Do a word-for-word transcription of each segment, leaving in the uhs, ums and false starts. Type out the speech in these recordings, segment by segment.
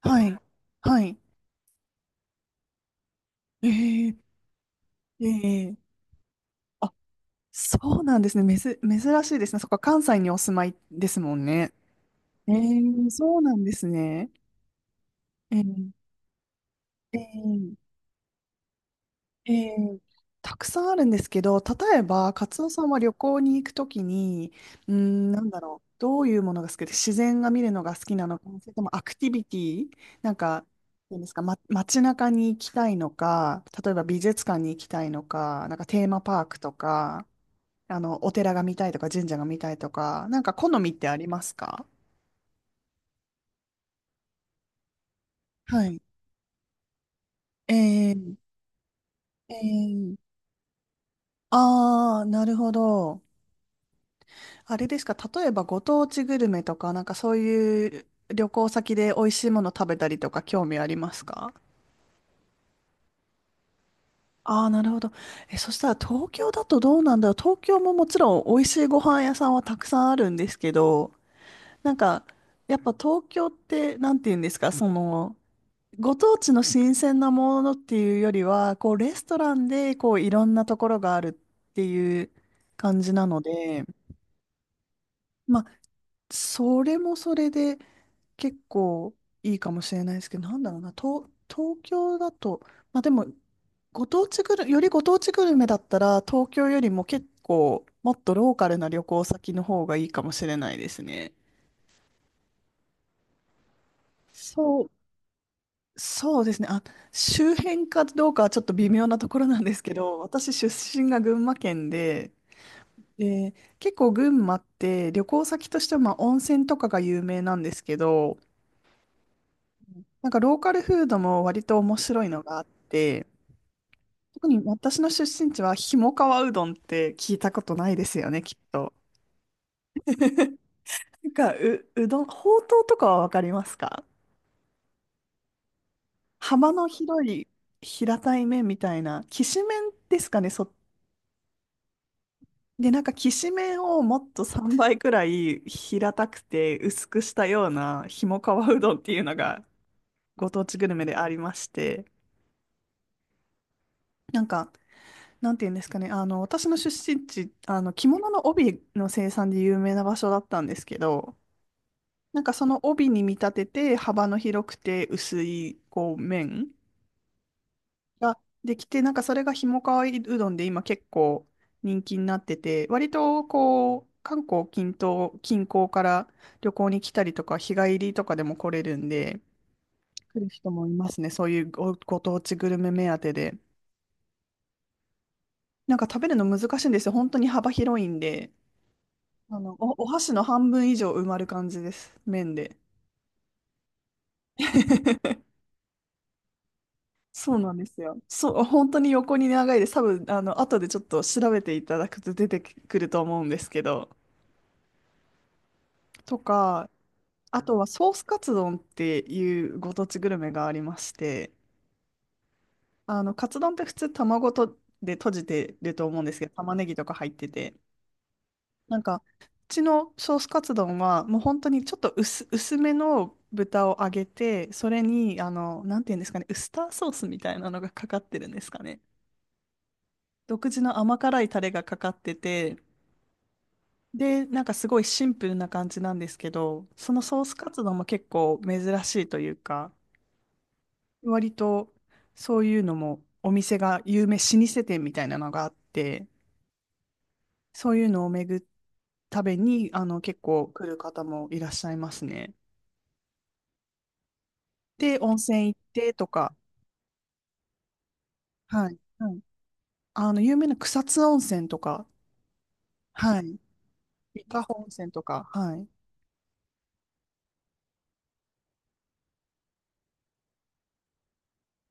はい。はい。ええええあ、そうなんですね。めず、珍しいですね。そっか、関西にお住まいですもんね。ええそうなんですね。ええええええたくさんあるんですけど、例えば、カツオさんは旅行に行くときに、うーん、なんだろう、どういうものが好きで、自然が見るのが好きなのか、それともアクティビティ、なんか、なんですか、ま、街中に行きたいのか、例えば美術館に行きたいのか、なんかテーマパークとか、あの、お寺が見たいとか神社が見たいとか、なんか好みってありますか？はい。えー、えー、ああ、なるほど。あれですか、例えばご当地グルメとか、なんかそういう旅行先で美味しいもの食べたりとか興味ありますか？ああー、なるほど。え、そしたら東京だとどうなんだろう。東京ももちろん美味しいご飯屋さんはたくさんあるんですけど、なんか、やっぱ東京って、なんて言うんですか、その、ご当地の新鮮なものっていうよりは、こう、レストランで、こう、いろんなところがあるっていう感じなので、まあ、それもそれで結構いいかもしれないですけど、なんだろうな、東、東京だと、まあでも、ご当地グル、よりご当地グルメだったら、東京よりも結構、もっとローカルな旅行先の方がいいかもしれないですね。そう、そうですね。あ、周辺かどうかはちょっと微妙なところなんですけど、私出身が群馬県で、で、結構群馬って旅行先としてはまあ温泉とかが有名なんですけど、なんかローカルフードも割と面白いのがあって、特に私の出身地はひもかわうどんって聞いたことないですよね、きっと。なんかう、うどん、ほうとうとかはわかりますか？幅の広い平たい麺みたいな、きしめんですかね、そっ。で、なんか、きしめんをもっとさんばいくらい平たくて薄くしたようなひもかわうどんっていうのがご当地グルメでありまして、なんか、なんていうんですかね、あの、私の出身地、あの、着物の帯の生産で有名な場所だったんですけど、なんかその帯に見立てて幅の広くて薄いこう麺ができて、なんかそれがひもかわいうどんで今結構人気になってて、割とこう、韓国近東、近郊から旅行に来たりとか、日帰りとかでも来れるんで、来る人もいますね。そういうご、ご当地グルメ目当てで。なんか食べるの難しいんですよ。本当に幅広いんで、あの、お、お箸の半分以上埋まる感じです。麺で。そうなんですよ。そう、本当に横に長いです。多分、あの、後でちょっと調べていただくと出てくると思うんですけど、とか、あとはソースカツ丼っていうご当地グルメがありまして、あの、カツ丼って普通卵とで閉じてると思うんですけど、玉ねぎとか入ってて、なんか、うちのソースカツ丼はもう本当にちょっと薄、薄めの豚を揚げて、それに、あの、なんていうんですかね、ウスターソースみたいなのがかかってるんですかね。独自の甘辛いタレがかかってて、で、なんかすごいシンプルな感じなんですけど、そのソースカツ丼も結構珍しいというか、割とそういうのもお店が有名、老舗店みたいなのがあって、そういうのを巡るためにあの結構来る方もいらっしゃいますね。で、温泉行ってとか、はい、はい。あの、有名な草津温泉とか、はい。伊香保温泉とか、はい。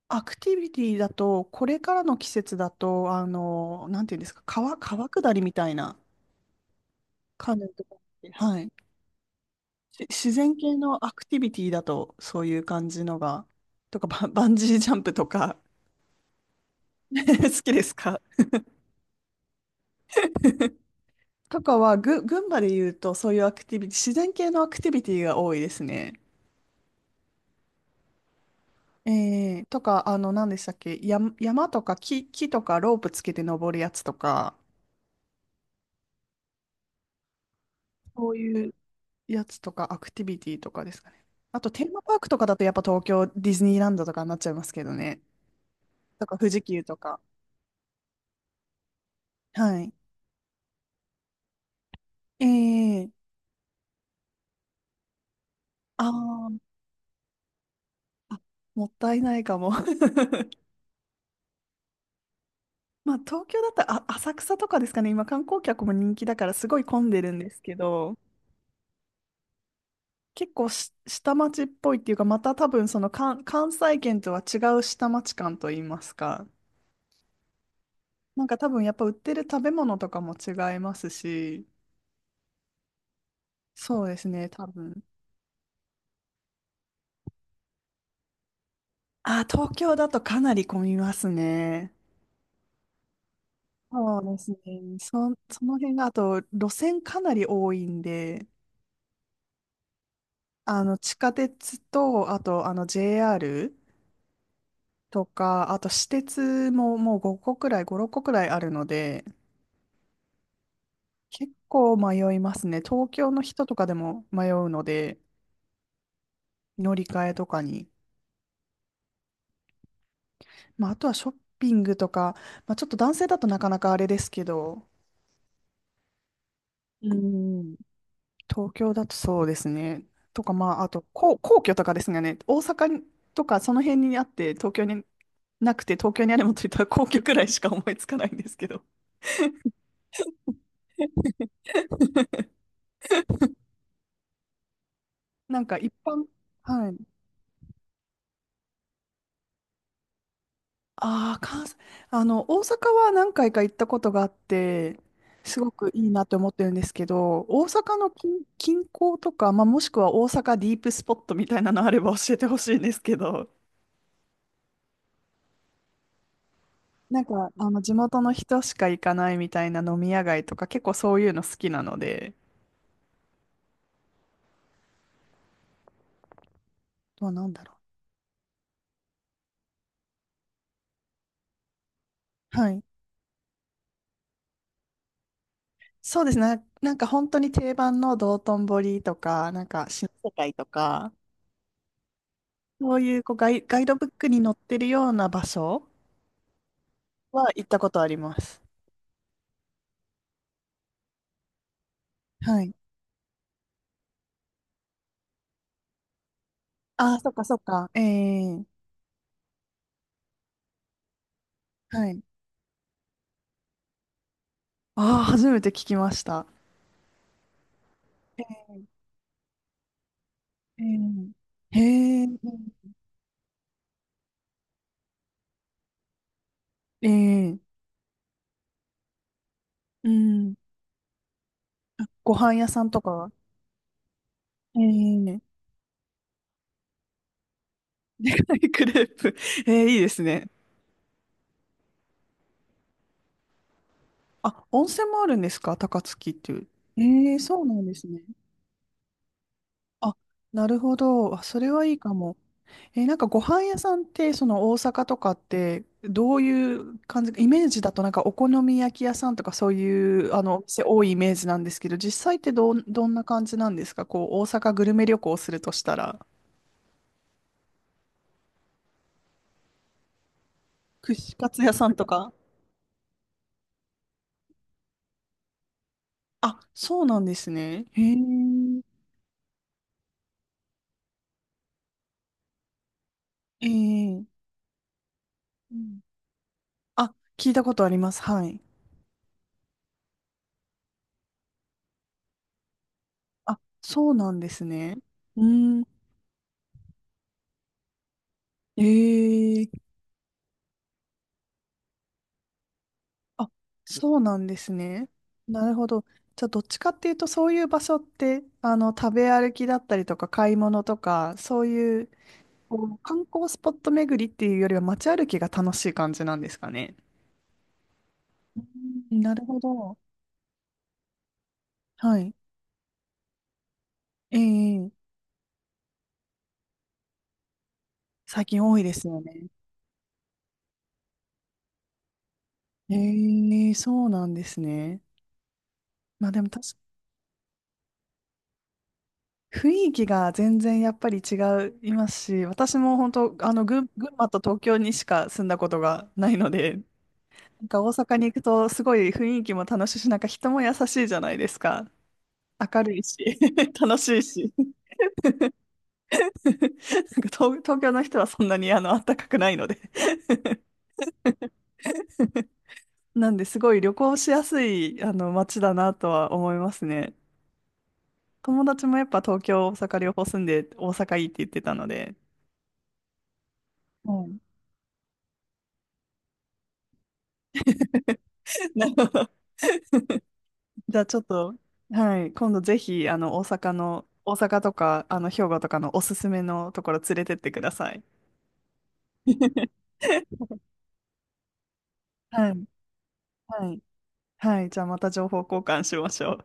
アクティビティだと、これからの季節だと、あの、なんていうんですか、川、川下りみたいなカヌーとかって、はい。し自然系のアクティビティだとそういう感じのが、とかバン、バンジージャンプとか 好きですか？とかはぐ、群馬で言うとそういうアクティビティ、自然系のアクティビティが多いですね。えー、とか、あの、何でしたっけ、山、山とか木、木とかロープつけて登るやつとか、そういうやつとかアクティビティとかですかね。あと、テーマパークとかだとやっぱ東京ディズニーランドとかになっちゃいますけどね。とか、富士急とか。はい。えー、あーあもったいないかも。まあ、東京だったら、あ、浅草とかですかね。今、観光客も人気だから、すごい混んでるんですけど、結構し下町っぽいっていうか、また多分、その関、関西圏とは違う下町感といいますか。なんか多分、やっぱ売ってる食べ物とかも違いますし、そうですね、多分。あ、東京だとかなり混みますね。そうですね。そ、その辺が、あと、路線かなり多いんで、あの、地下鉄と、あと、あの、ジェイアール とか、あと私鉄ももうごこくらい、ご、ろっこくらいあるので、結構迷いますね。東京の人とかでも迷うので、乗り換えとかに。まあ、あとはショッピングとか、まあ、ちょっと男性だとなかなかあれですけど、うん。東京だとそうですね。とか、まあ、あと、皇皇居とかですがね、大阪とかその辺にあって、東京になくて、東京にあるものといったら皇居くらいしか思いつかないんですけど、なんか一般、はい。ああ、関西、あの、大阪は何回か行ったことがあって、すごくいいなって思ってるんですけど、大阪の近、近郊とか、まあ、もしくは大阪ディープスポットみたいなのあれば教えてほしいんですけど、なんか、あの、地元の人しか行かないみたいな飲み屋街とか、結構そういうの好きなので、どうなんだろう。はい。そうですね。なんか本当に定番の道頓堀とか、なんか新世界とか、そういう、こうガイ、ガイドブックに載ってるような場所は行ったことあります。はい。ああ、そっかそっか。ええはい。ああ、初めて聞きました。ええへえ、ええうん。ご飯屋さんとかええ クレープ。ええいいですね。あ、温泉もあるんですか高槻っていう。ええそうなんですね。あ、なるほど。あ、それはいいかも。えなんかご飯屋さんって、その大阪とかって、どういう感じ、イメージだとなんかお好み焼き屋さんとかそういう、あの、お店多いイメージなんですけど、実際ってどん、どんな感じなんですかこう、大阪グルメ旅行するとしたら、串カツ屋さんとか。あ、そうなんですね。へえ。ええうんあ、聞いたことあります。はい。あ、そうなんですね。うん。えーあ、そうなんですね。なるほど。じゃあ、どっちかっていうと、そういう場所って、あの、食べ歩きだったりとか、買い物とか、そういう、こう観光スポット巡りっていうよりは、街歩きが楽しい感じなんですかね。うんなるほど。はい。ええ最近多いですよね。ええそうなんですね。まあでも確か雰囲気が全然やっぱり違いますし、私も本当、あの、群、群馬と東京にしか住んだことがないので、なんか大阪に行くとすごい雰囲気も楽しいし、なんか人も優しいじゃないですか。明るいし、楽しいし。なんか東、東京の人はそんなにあの暖かくないので なんですごい旅行しやすいあの街だなとは思いますね。友達もやっぱ東京、大阪両方住んで大阪いいって言ってたので。はい なるほど。じゃあちょっと、はい、今度ぜひあの大阪の、大阪とかあの兵庫とかのおすすめのところ連れてってください。はい。はい。はい。じゃあまた情報交換しましょう。